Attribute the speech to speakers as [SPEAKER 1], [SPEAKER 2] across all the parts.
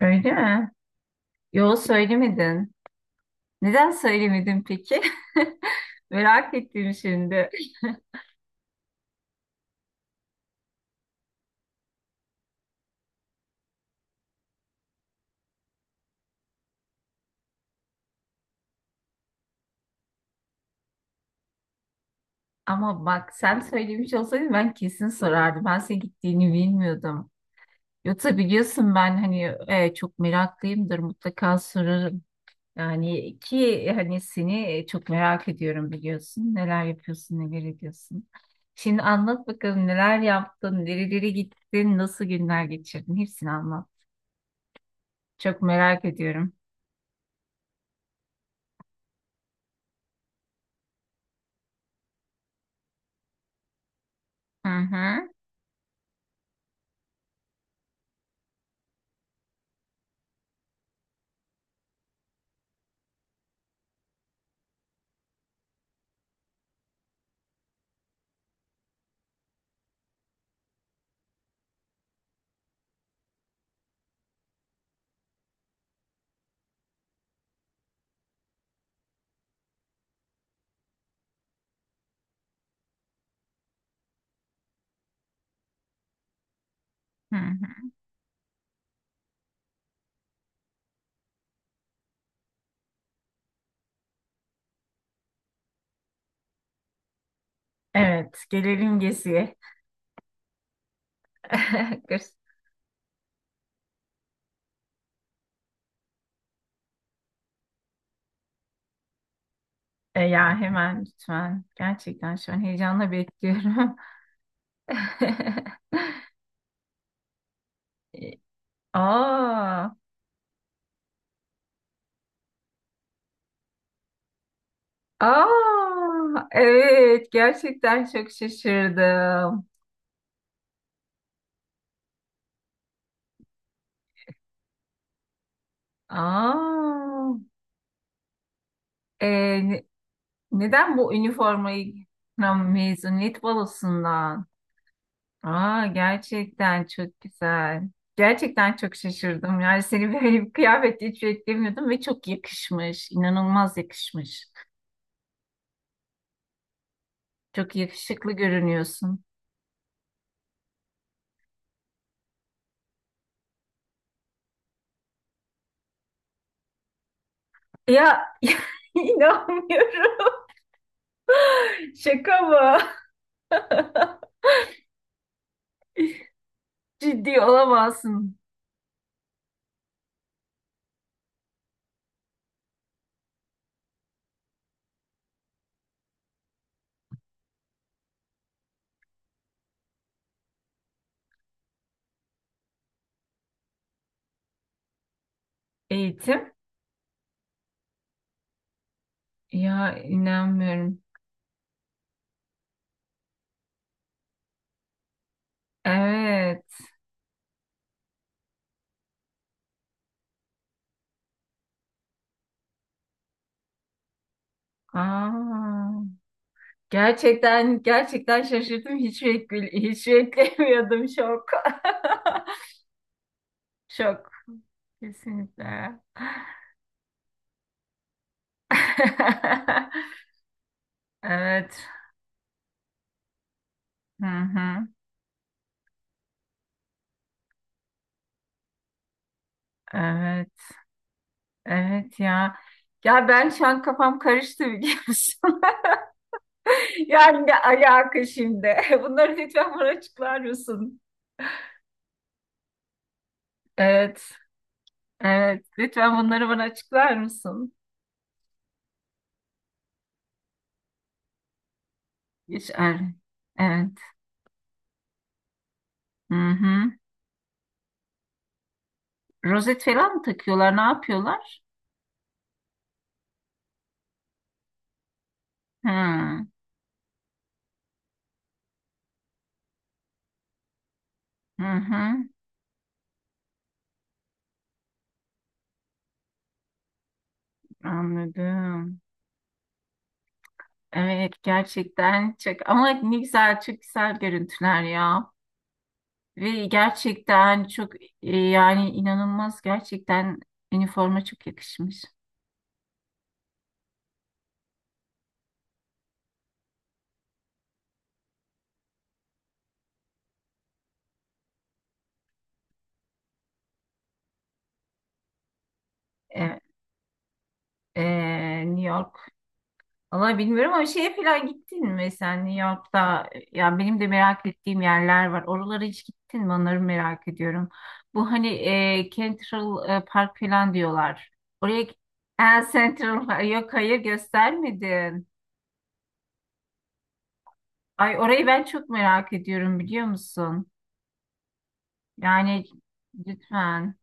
[SPEAKER 1] Öyle mi? Yo söylemedin. Neden söylemedin peki? Merak ettim şimdi. Ama bak sen söylemiş olsaydın ben kesin sorardım. Ben senin gittiğini bilmiyordum. Yoksa biliyorsun ben hani çok meraklıyımdır mutlaka sorarım. Yani ki hani seni çok merak ediyorum biliyorsun. Neler yapıyorsun, neler ediyorsun. Şimdi anlat bakalım neler yaptın, nerelere gittin, nasıl günler geçirdin? Hepsini anlat. Çok merak ediyorum. Hı hı. Hı hı. Evet, gelelim Gezi'ye. Kız- E, ya hemen lütfen. Gerçekten şu an heyecanla bekliyorum. E, Aa, aa, evet gerçekten çok şaşırdım. Aa, e, ne- neden bu üniformayı. Ha, mezuniyet balosundan? Aa, gerçekten çok güzel. Gerçekten çok şaşırdım. Yani seni böyle bir kıyafette hiç beklemiyordum ve çok yakışmış. İnanılmaz yakışmış. Çok yakışıklı görünüyorsun. Ya inanmıyorum. Şaka mı? Ciddi olamazsın. Eğitim? Ya inanmıyorum. Evet. Aa, gerçekten şaşırdım. Hiç beklemiyordum. Şok. Şok. Kesinlikle. Evet. Hı hı. Evet. Evet ya. Ya ben şu an kafam karıştı biliyor musun? Yani ne alaka şimdi? Bunları lütfen bana açıklar mısın? Evet. Evet. Lütfen bunları bana açıklar mısın? Hiç er. Evet. Hı hı. Rozet falan mı takıyorlar? Ne yapıyorlar? Hı hı. Hı. Anladım. Evet gerçekten çok ama ne güzel, çok güzel görüntüler ya, ve gerçekten çok, yani inanılmaz, gerçekten üniforma çok yakışmış. Evet, e, New York. Valla bilmiyorum ama şeye falan gittin mi sen New York'ta? Ya benim de merak ettiğim yerler var. Oralara hiç gittin mi? Onları merak ediyorum. Bu hani Central Park falan diyorlar. Oraya Central Park. Yok, hayır göstermedin. Ay orayı ben çok merak ediyorum biliyor musun? Yani lütfen.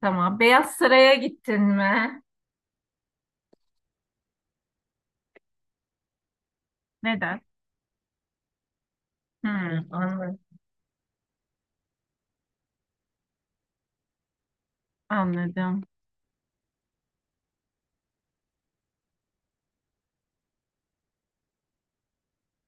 [SPEAKER 1] Tamam. Beyaz Saray'a gittin mi? Neden? Hmm, anladım. Anladım.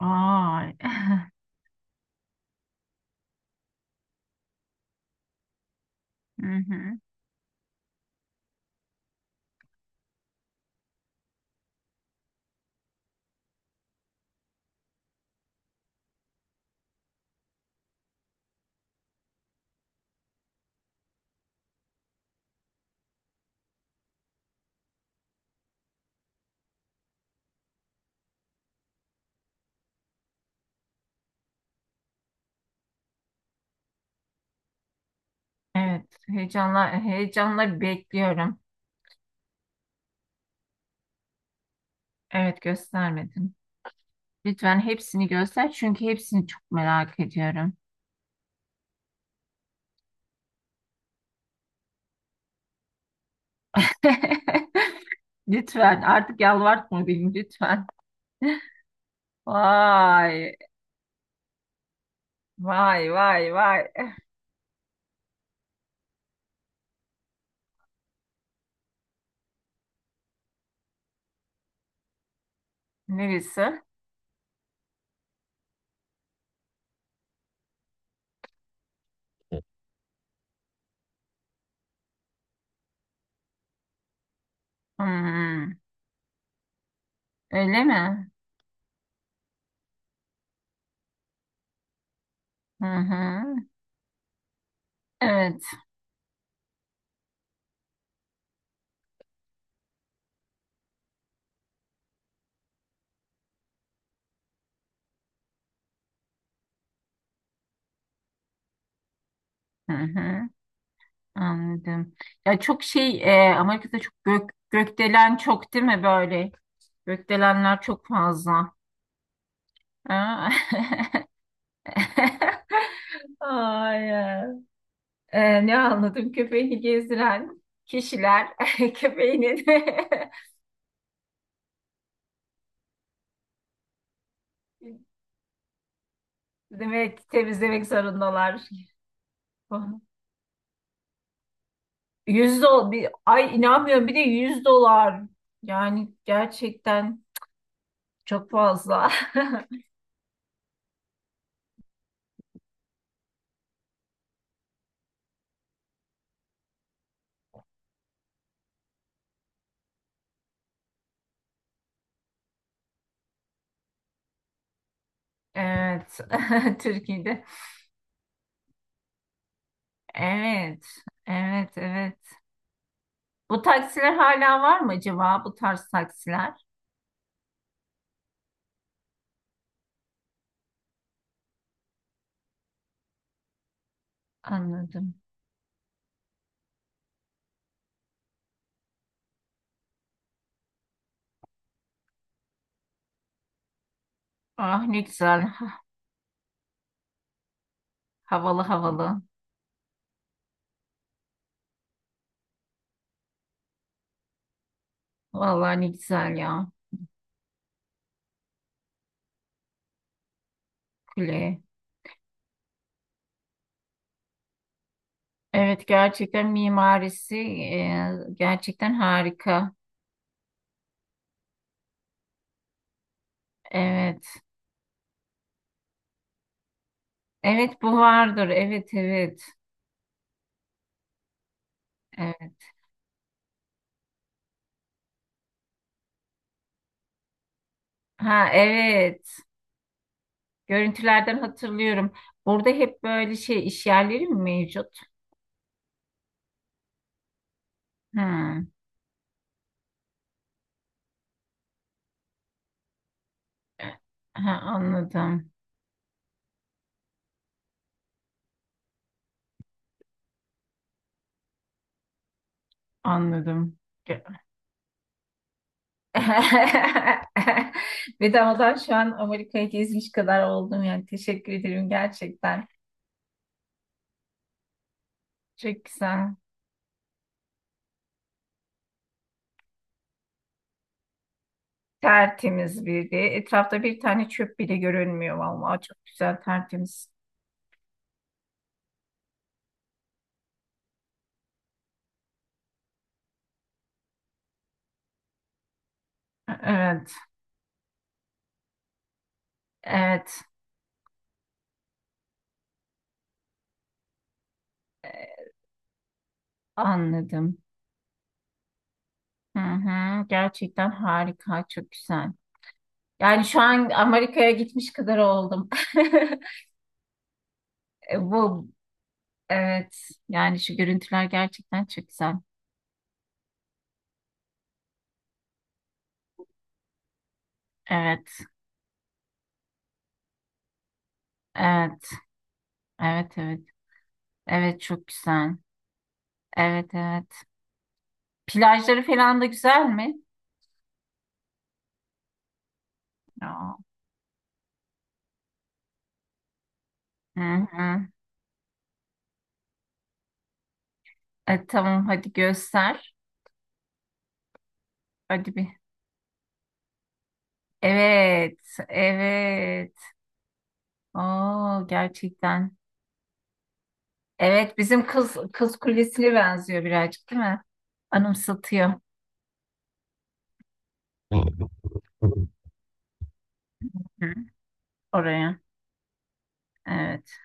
[SPEAKER 1] Ay. Hı hı. Evet, heyecanla bekliyorum. Evet, göstermedim. Lütfen hepsini göster çünkü hepsini çok merak ediyorum. Lütfen artık yalvartma beni lütfen. Vay, vay, vay, vay. Neresi? Hmm. Öyle mi? Hı hı. Evet. Hı hı. Anladım. Ya çok şey, Amerika'da gökdelen çok değil mi böyle? Gökdelenler çok fazla. Ha? Ay, ne anladım, köpeğini gezdiren kişiler köpeğini demek temizlemek zorundalar. Yüz dolar. Ay inanmıyorum, bir de 100 dolar. Yani gerçekten çok fazla. Evet. Türkiye'de. Evet. Evet, evet. Bu taksiler hala var mı acaba? Bu tarz taksiler. Anladım. Ah ne güzel. Havalı havalı. Vallahi ne güzel ya. Kule. Evet gerçekten mimarisi, gerçekten harika. Evet. Evet bu vardır. Evet evet. Evet. Ha evet. Görüntülerden hatırlıyorum. Burada hep böyle şey, iş yerleri mi mevcut? Hmm. Ha, anladım. Anladım. Gö- Bedavadan şu an Amerika'yı gezmiş kadar oldum yani. Teşekkür ederim gerçekten. Çok güzel. Tertemiz bir de. Etrafta bir tane çöp bile görünmüyor vallahi. Çok güzel, tertemiz. Evet. Evet. Anladım. Hı hı. Gerçekten harika. Çok güzel. Yani şu an Amerika'ya gitmiş kadar oldum. Bu evet, yani şu görüntüler gerçekten çok güzel. Evet. Evet. Evet evet. Evet çok güzel. Evet evet. Plajları falan da güzel mi? Aa, hı hı. E, tamam hadi göster. Hadi bir. Evet. Evet. Oo gerçekten. Evet bizim kız kulesine benziyor birazcık değil mi? Anımsatıyor. Hı, oraya. Evet.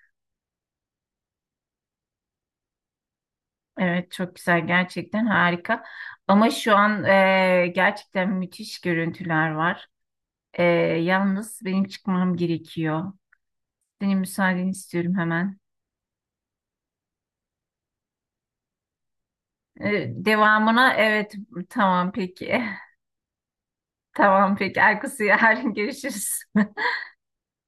[SPEAKER 1] Evet çok güzel, gerçekten harika ama şu an, gerçekten müthiş görüntüler var. E, Yalnız benim çıkmam gerekiyor. Senin müsaadeni istiyorum hemen. Devamına evet, tamam peki. Tamam peki, Erkus'u yarın görüşürüz.